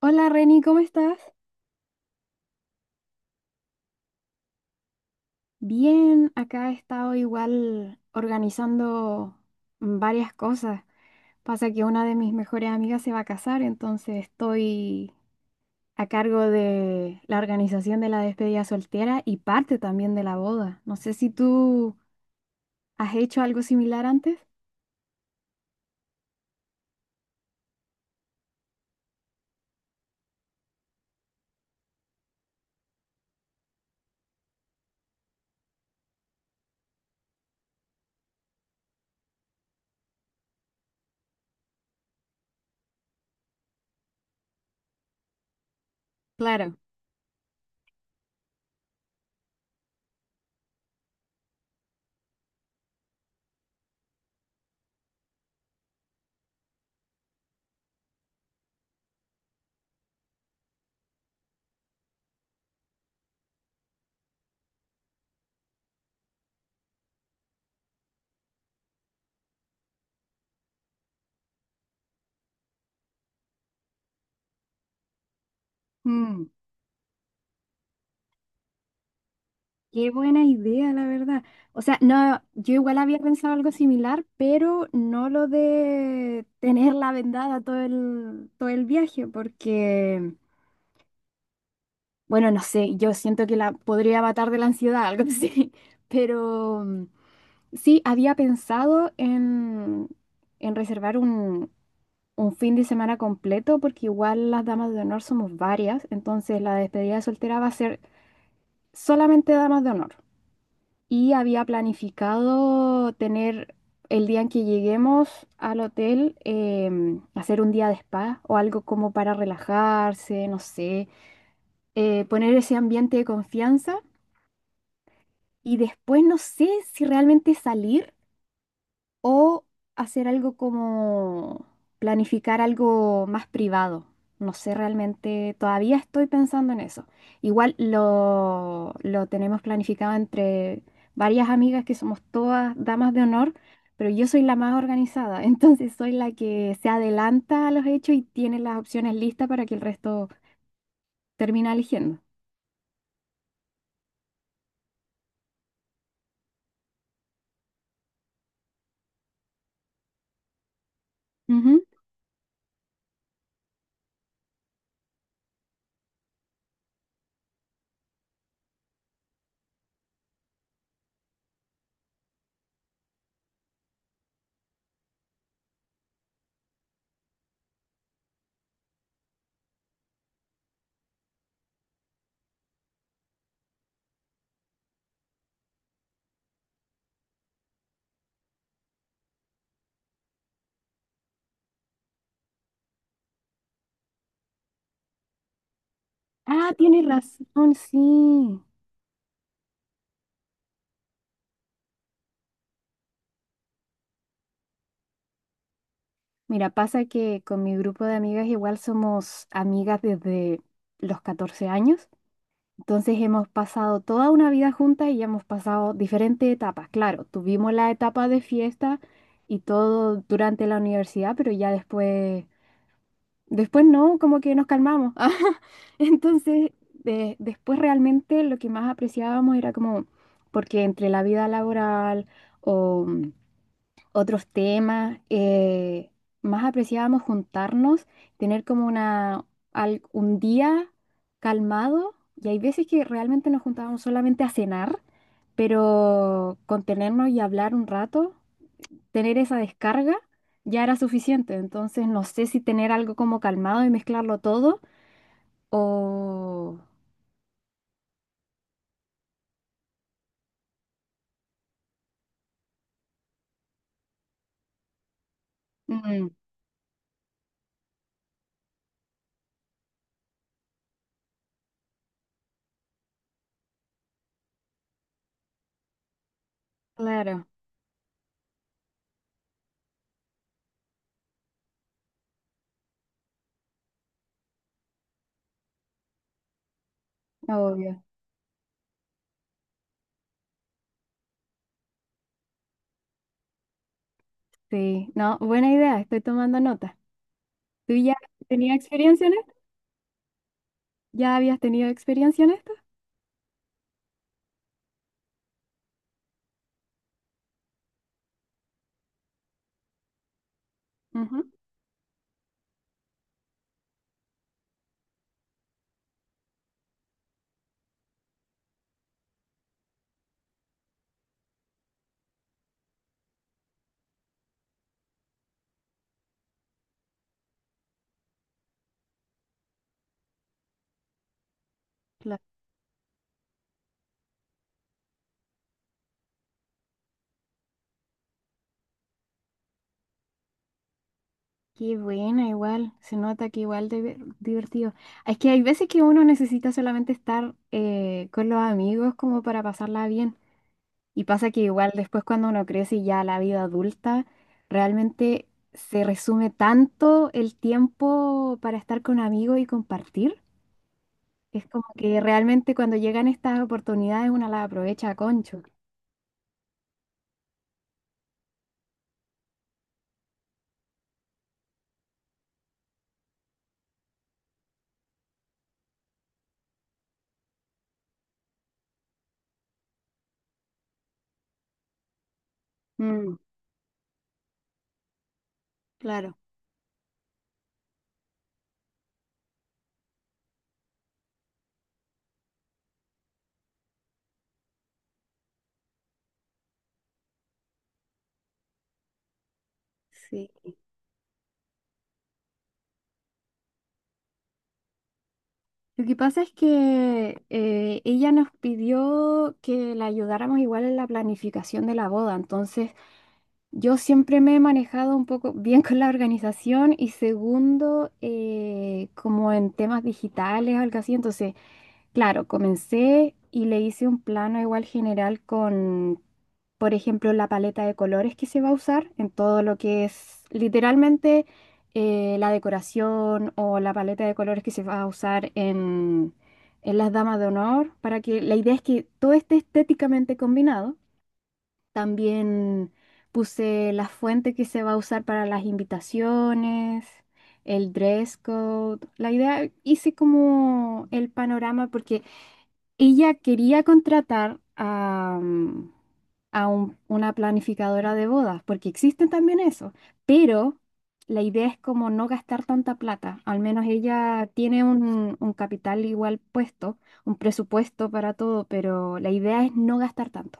Hola Reni, ¿cómo estás? Bien, acá he estado igual organizando varias cosas. Pasa que una de mis mejores amigas se va a casar, entonces estoy a cargo de la organización de la despedida soltera y parte también de la boda. No sé si tú has hecho algo similar antes. Claro. Mm. Qué buena idea, la verdad. O sea, no, yo igual había pensado algo similar, pero no lo de tenerla vendada todo el viaje, porque, bueno, no sé, yo siento que la podría matar de la ansiedad, algo así. Pero sí, había pensado en reservar un fin de semana completo, porque igual las damas de honor somos varias, entonces la despedida de soltera va a ser solamente damas de honor. Y había planificado tener el día en que lleguemos al hotel, hacer un día de spa o algo como para relajarse, no sé, poner ese ambiente de confianza y después no sé si realmente salir. O hacer algo como planificar algo más privado. No sé realmente, todavía estoy pensando en eso. Igual lo tenemos planificado entre varias amigas que somos todas damas de honor, pero yo soy la más organizada, entonces soy la que se adelanta a los hechos y tiene las opciones listas para que el resto termine eligiendo. Ujú. Ah, tienes razón, sí. Mira, pasa que con mi grupo de amigas igual somos amigas desde los 14 años, entonces hemos pasado toda una vida juntas y hemos pasado diferentes etapas. Claro, tuvimos la etapa de fiesta y todo durante la universidad, pero ya después, después no, como que nos calmamos. Entonces, después realmente lo que más apreciábamos era como, porque entre la vida laboral o otros temas, más apreciábamos juntarnos, tener como una, un día calmado. Y hay veces que realmente nos juntábamos solamente a cenar, pero contenernos y hablar un rato, tener esa descarga, ya era suficiente. Entonces no sé si tener algo como calmado y mezclarlo todo o... Mm, claro, obvio. Sí, no, buena idea, estoy tomando nota. ¿Tú ya tenías experiencia en ¿Ya habías tenido experiencia en esto? Ujú. Claro. Qué buena, igual. Se nota que igual de divertido. Es que hay veces que uno necesita solamente estar con los amigos como para pasarla bien. Y pasa que igual después cuando uno crece y ya la vida adulta, realmente se resume tanto el tiempo para estar con amigos y compartir. Es como que realmente cuando llegan estas oportunidades uno las aprovecha a concho. Mm, claro, sí. Lo que pasa es que ella nos pidió que la ayudáramos igual en la planificación de la boda, entonces yo siempre me he manejado un poco bien con la organización y segundo, como en temas digitales o algo así, entonces claro, comencé y le hice un plano igual general con, por ejemplo, la paleta de colores que se va a usar en todo lo que es literalmente la decoración o la paleta de colores que se va a usar en las damas de honor, para que la idea es que todo esté estéticamente combinado. También puse la fuente que se va a usar para las invitaciones, el dress code. La idea, hice como el panorama porque ella quería contratar a una planificadora de bodas, porque existen también eso, pero la idea es como no gastar tanta plata, al menos ella tiene un capital igual puesto, un presupuesto para todo, pero la idea es no gastar tanto.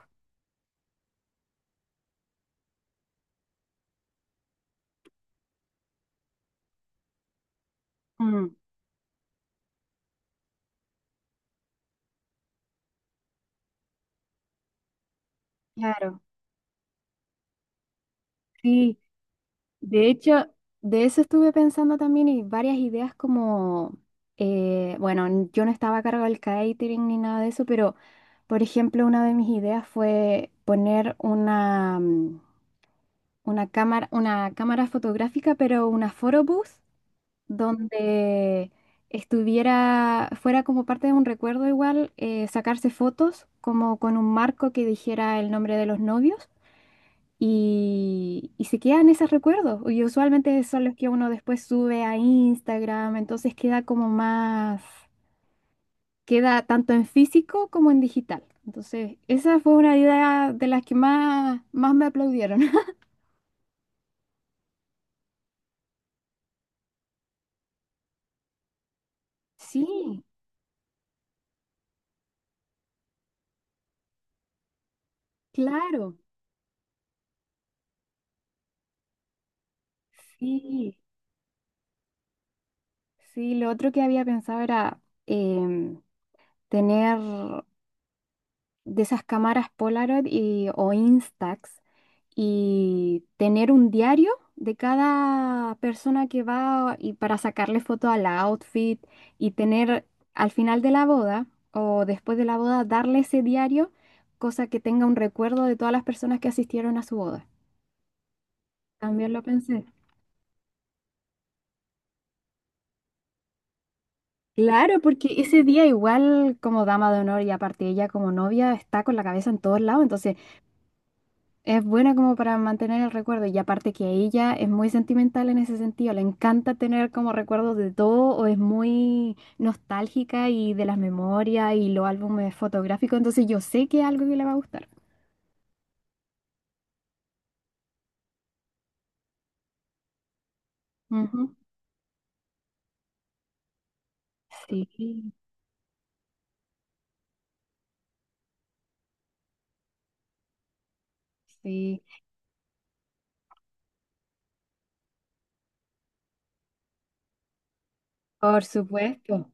Mm, claro, sí. De hecho, de eso estuve pensando también y varias ideas como, bueno, yo no estaba a cargo del catering ni nada de eso, pero por ejemplo, una de mis ideas fue poner una cámara fotográfica, pero una photobooth, donde estuviera, fuera como parte de un recuerdo igual, sacarse fotos como con un marco que dijera el nombre de los novios. Y se quedan esos recuerdos. Y usualmente son los que uno después sube a Instagram, entonces queda como más, queda tanto en físico como en digital. Entonces, esa fue una idea de las que más, más me aplaudieron. Sí, claro. Sí, sí, lo otro que había pensado era em, tener de esas cámaras Polaroid y, o Instax y tener un diario de cada persona que va y para sacarle foto al outfit y tener al final de la boda o después de la boda darle ese diario, cosa que tenga un recuerdo de todas las personas que asistieron a su boda. También lo pensé. Claro, porque ese día igual como dama de honor y aparte ella como novia está con la cabeza en todos lados, entonces es buena como para mantener el recuerdo y aparte que ella es muy sentimental en ese sentido, le encanta tener como recuerdos de todo o es muy nostálgica y de las memorias y los álbumes fotográficos, entonces yo sé que es algo que le va a gustar. Ujú. Sí, sí, por supuesto.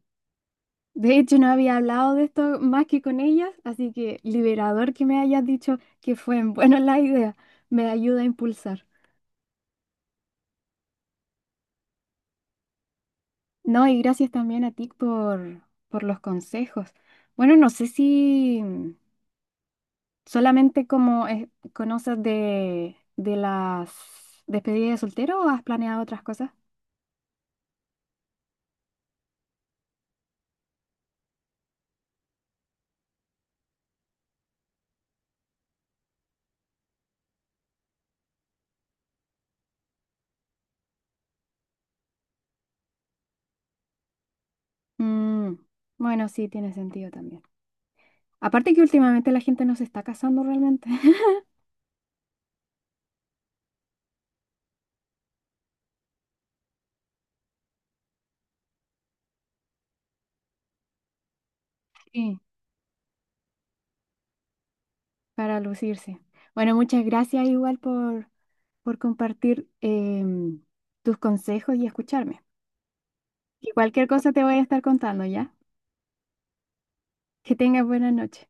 De hecho, no había hablado de esto más que con ellas, así que liberador que me hayas dicho que fue en buena la idea, me ayuda a impulsar. No, y gracias también a ti por los consejos. Bueno, no sé si solamente como conoces de las despedidas de soltero o has planeado otras cosas. Mm, bueno, sí, tiene sentido también. Aparte que últimamente la gente no se está casando realmente. Sí, para lucirse. Bueno, muchas gracias igual por compartir tus consejos y escucharme. Y cualquier cosa te voy a estar contando, ¿ya? Que tengas buena noche.